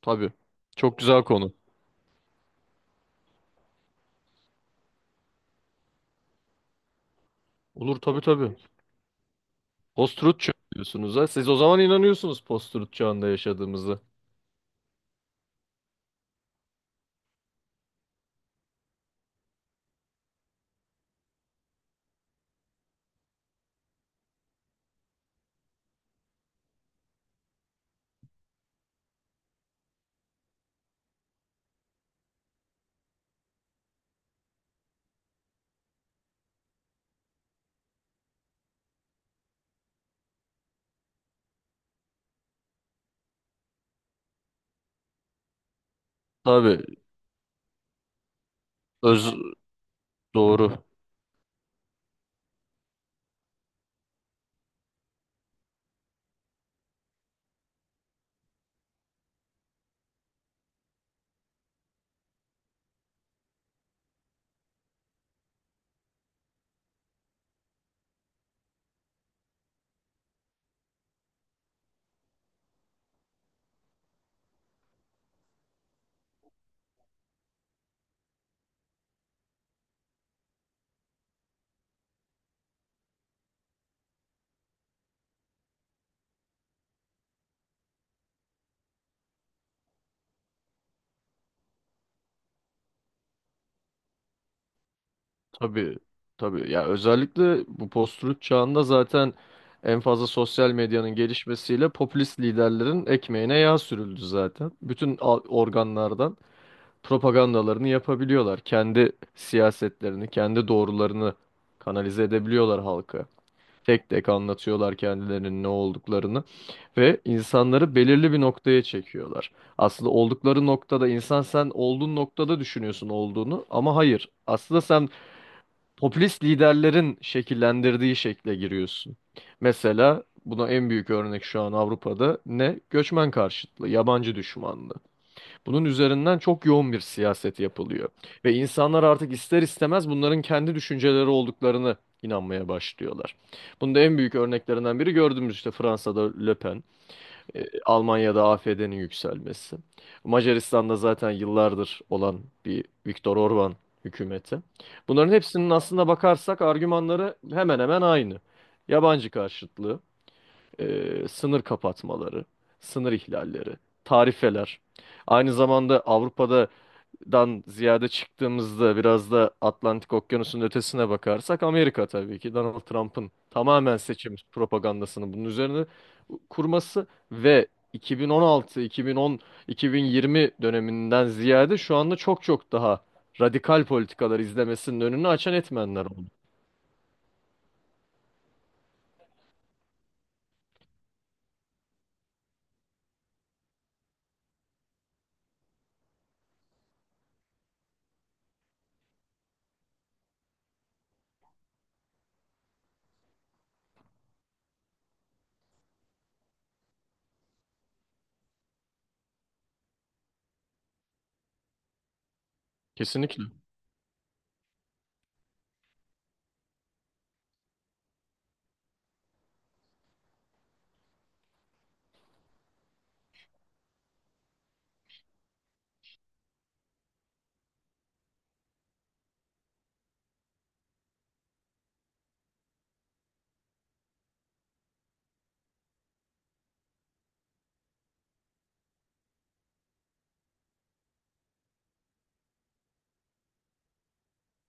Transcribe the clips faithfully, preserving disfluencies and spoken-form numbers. Tabii. Çok güzel konu. Olur tabii tabii. Post-truth çağı diyorsunuz ha. Siz o zaman inanıyorsunuz post-truth çağında yaşadığımızı. Tabii. Öz doğru. Tabii. Tabii. Ya özellikle bu post-truth çağında zaten en fazla sosyal medyanın gelişmesiyle popülist liderlerin ekmeğine yağ sürüldü zaten. Bütün a- organlardan propagandalarını yapabiliyorlar. Kendi siyasetlerini, kendi doğrularını kanalize edebiliyorlar halka. Tek tek anlatıyorlar kendilerinin ne olduklarını. Ve insanları belirli bir noktaya çekiyorlar. Aslında oldukları noktada insan sen olduğun noktada düşünüyorsun olduğunu ama hayır. Aslında sen popülist liderlerin şekillendirdiği şekle giriyorsun. Mesela buna en büyük örnek şu an Avrupa'da ne? Göçmen karşıtlığı, yabancı düşmanlığı. Bunun üzerinden çok yoğun bir siyaset yapılıyor. Ve insanlar artık ister istemez bunların kendi düşünceleri olduklarını inanmaya başlıyorlar. Bunda en büyük örneklerinden biri gördüğümüz işte Fransa'da Le Pen. E, Almanya'da AfD'nin yükselmesi. Macaristan'da zaten yıllardır olan bir Viktor Orban hükümeti. Bunların hepsinin aslında bakarsak argümanları hemen hemen aynı. Yabancı karşıtlığı, e, sınır kapatmaları, sınır ihlalleri, tarifeler. Aynı zamanda Avrupa'dan ziyade çıktığımızda biraz da Atlantik Okyanusu'nun ötesine bakarsak Amerika tabii ki Donald Trump'ın tamamen seçim propagandasını bunun üzerine kurması ve iki bin on altı, iki bin on, iki bin yirmi döneminden ziyade şu anda çok çok daha radikal politikalar izlemesinin önünü açan etmenler oldu. Kesinlikle.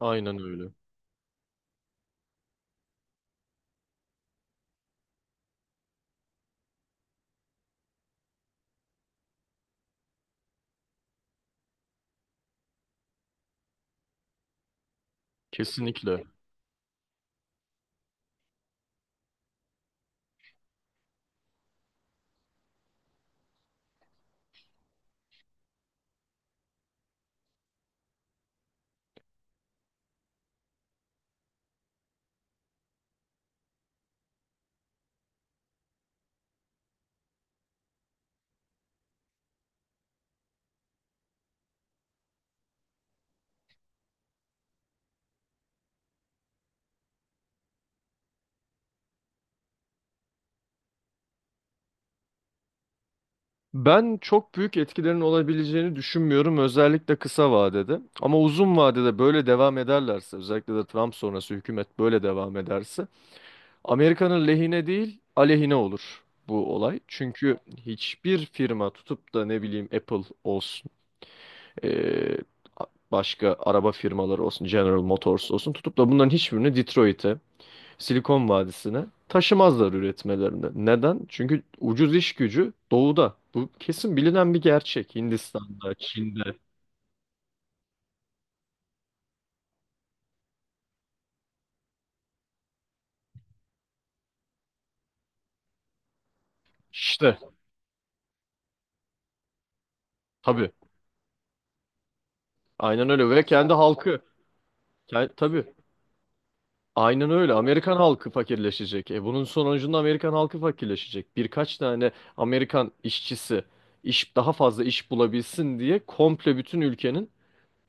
Aynen öyle. Kesinlikle. Ben çok büyük etkilerin olabileceğini düşünmüyorum özellikle kısa vadede. Ama uzun vadede böyle devam ederlerse özellikle de Trump sonrası hükümet böyle devam ederse Amerika'nın lehine değil aleyhine olur bu olay. Çünkü hiçbir firma tutup da ne bileyim Apple olsun e, başka araba firmaları olsun, General Motors olsun tutup da bunların hiçbirini Detroit'e, Silikon Vadisi'ne taşımazlar üretmelerini. Neden? Çünkü ucuz iş gücü doğuda. Bu kesin bilinen bir gerçek. Hindistan'da, Çin'de. İşte tabii. Aynen öyle ve kendi halkı. Kend, tabii. Aynen öyle. Amerikan halkı fakirleşecek. E bunun sonucunda Amerikan halkı fakirleşecek. Birkaç tane Amerikan işçisi iş daha fazla iş bulabilsin diye komple bütün ülkenin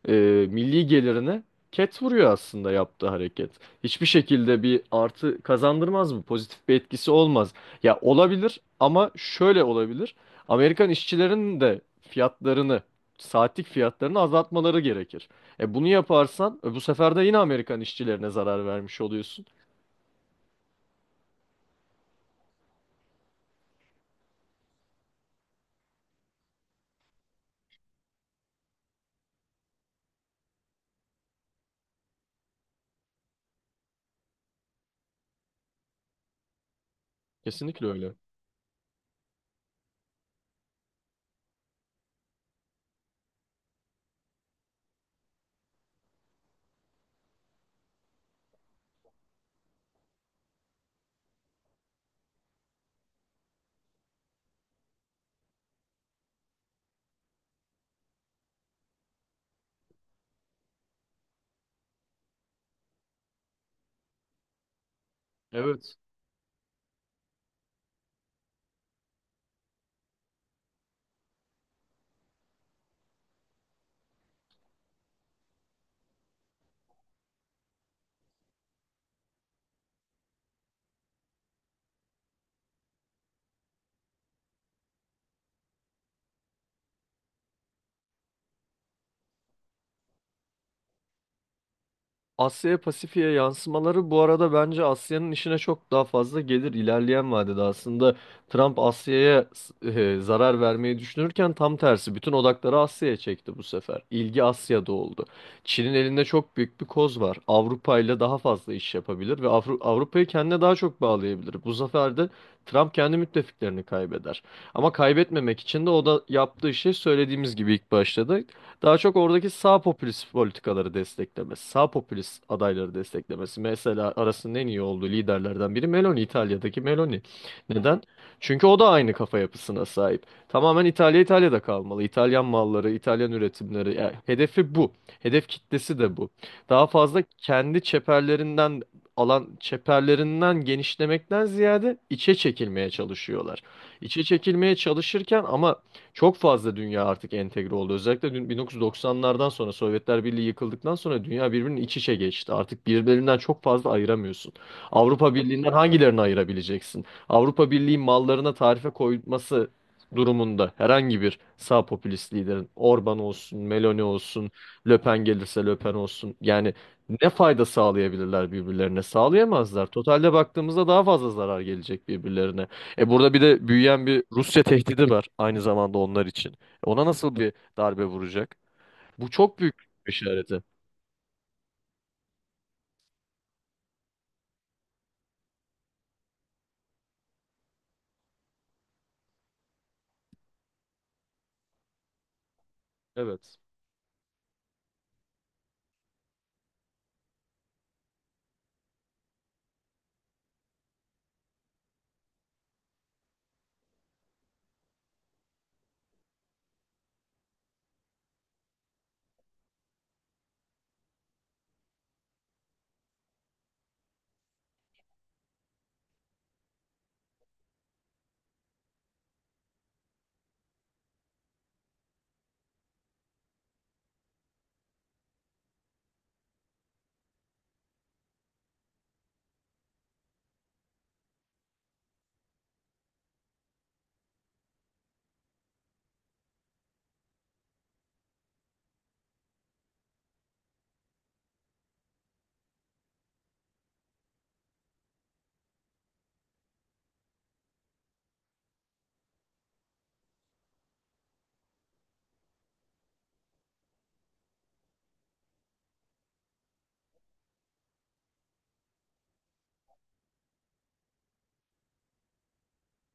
e, milli gelirini ket vuruyor aslında yaptığı hareket. Hiçbir şekilde bir artı kazandırmaz mı? Pozitif bir etkisi olmaz. Ya olabilir ama şöyle olabilir. Amerikan işçilerinin de fiyatlarını, saatlik fiyatlarını azaltmaları gerekir. E bunu yaparsan e, bu sefer de yine Amerikan işçilerine zarar vermiş oluyorsun. Kesinlikle öyle. Evet. Asya'ya Pasifik'e yansımaları bu arada bence Asya'nın işine çok daha fazla gelir ilerleyen vadede. Aslında Trump Asya'ya e, zarar vermeyi düşünürken tam tersi bütün odakları Asya'ya çekti bu sefer. İlgi Asya'da oldu. Çin'in elinde çok büyük bir koz var. Avrupa ile daha fazla iş yapabilir ve Avru- Avrupa'yı kendine daha çok bağlayabilir. Bu sefer de Trump kendi müttefiklerini kaybeder. Ama kaybetmemek için de o da yaptığı şey söylediğimiz gibi ilk başta da daha çok oradaki sağ popülist politikaları desteklemesi, sağ popülist adayları desteklemesi. Mesela arasının en iyi olduğu liderlerden biri Meloni, İtalya'daki Meloni. Neden? Çünkü o da aynı kafa yapısına sahip. Tamamen İtalya İtalya'da kalmalı. İtalyan malları, İtalyan üretimleri. Yani hedefi bu. Hedef kitlesi de bu. Daha fazla kendi çeperlerinden alan çeperlerinden genişlemekten ziyade içe çekilmeye çalışıyorlar. İçe çekilmeye çalışırken ama çok fazla dünya artık entegre oldu. Özellikle dün- doksanlardan sonra Sovyetler Birliği yıkıldıktan sonra dünya birbirinin iç içe geçti. Artık birbirlerinden çok fazla ayıramıyorsun. Avrupa Birliği'nden hangilerini ayırabileceksin? Avrupa Birliği mallarına tarife koyması durumunda herhangi bir sağ popülist liderin Orban olsun, Meloni olsun, Le Pen gelirse Le Pen olsun. Yani ne fayda sağlayabilirler birbirlerine? Sağlayamazlar. Totalde baktığımızda daha fazla zarar gelecek birbirlerine. E burada bir de büyüyen bir Rusya tehdidi var aynı zamanda onlar için. E ona nasıl bir darbe vuracak? Bu çok büyük bir işareti. Evet,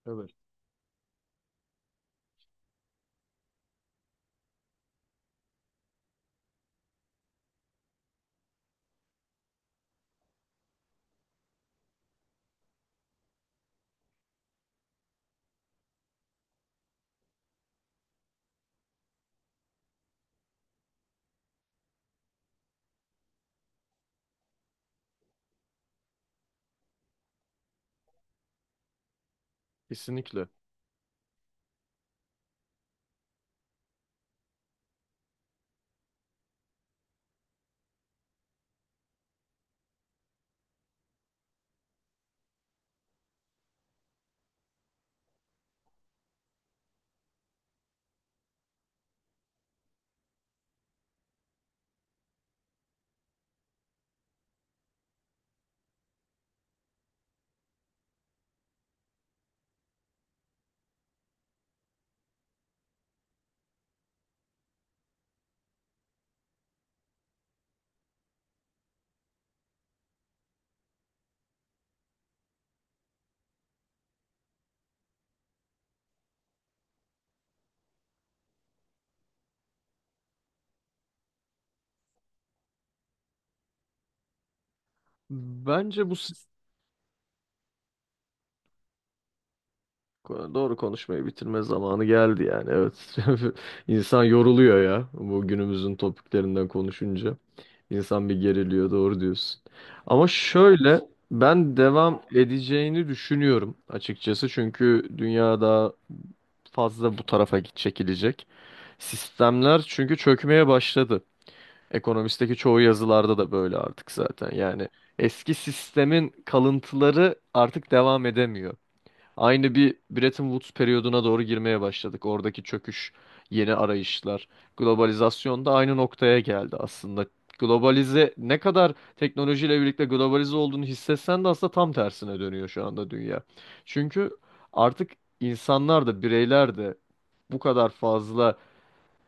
evet, kesinlikle. Bence bu sis- Ko- doğru konuşmayı bitirme zamanı geldi yani. Evet. İnsan yoruluyor ya bu günümüzün topiklerinden konuşunca. İnsan bir geriliyor, doğru diyorsun. Ama şöyle ben devam edeceğini düşünüyorum açıkçası çünkü dünya daha fazla bu tarafa git- çekilecek. Sistemler çünkü çökmeye başladı. Ekonomist'teki çoğu yazılarda da böyle artık zaten. Yani eski sistemin kalıntıları artık devam edemiyor. Aynı bir Bretton Woods periyoduna doğru girmeye başladık. Oradaki çöküş, yeni arayışlar, globalizasyon da aynı noktaya geldi aslında. Globalize ne kadar teknolojiyle birlikte globalize olduğunu hissetsen de aslında tam tersine dönüyor şu anda dünya. Çünkü artık insanlar da bireyler de bu kadar fazla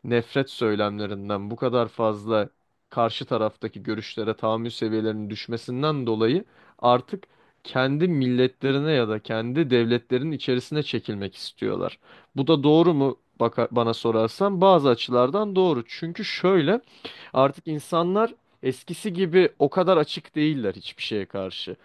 nefret söylemlerinden bu kadar fazla karşı taraftaki görüşlere tahammül seviyelerinin düşmesinden dolayı artık kendi milletlerine ya da kendi devletlerinin içerisine çekilmek istiyorlar. Bu da doğru mu? Baka- bana sorarsan bazı açılardan doğru. Çünkü şöyle artık insanlar eskisi gibi o kadar açık değiller hiçbir şeye karşı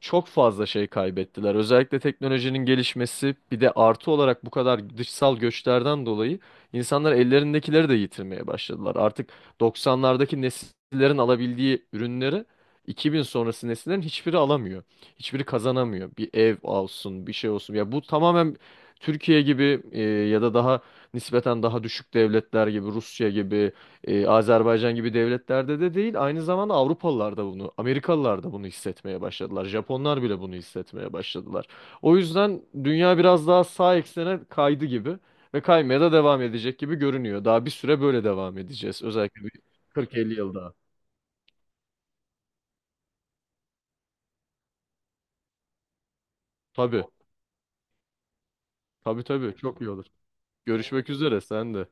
çok fazla şey kaybettiler. Özellikle teknolojinin gelişmesi bir de artı olarak bu kadar dışsal göçlerden dolayı insanlar ellerindekileri de yitirmeye başladılar. Artık doksanlardaki nesillerin alabildiği ürünleri iki bin sonrası nesillerin hiçbiri alamıyor. Hiçbiri kazanamıyor. Bir ev olsun, bir şey olsun. Ya bu tamamen Türkiye gibi e, ya da daha nispeten daha düşük devletler gibi Rusya gibi e, Azerbaycan gibi devletlerde de değil, aynı zamanda Avrupalılar da bunu, Amerikalılar da bunu hissetmeye başladılar. Japonlar bile bunu hissetmeye başladılar. O yüzden dünya biraz daha sağ eksene kaydı gibi ve kaymaya da devam edecek gibi görünüyor. Daha bir süre böyle devam edeceğiz. Özellikle bir kırk elli yıl daha. Tabii, tabii tabii çok iyi olur. Görüşmek üzere sen de.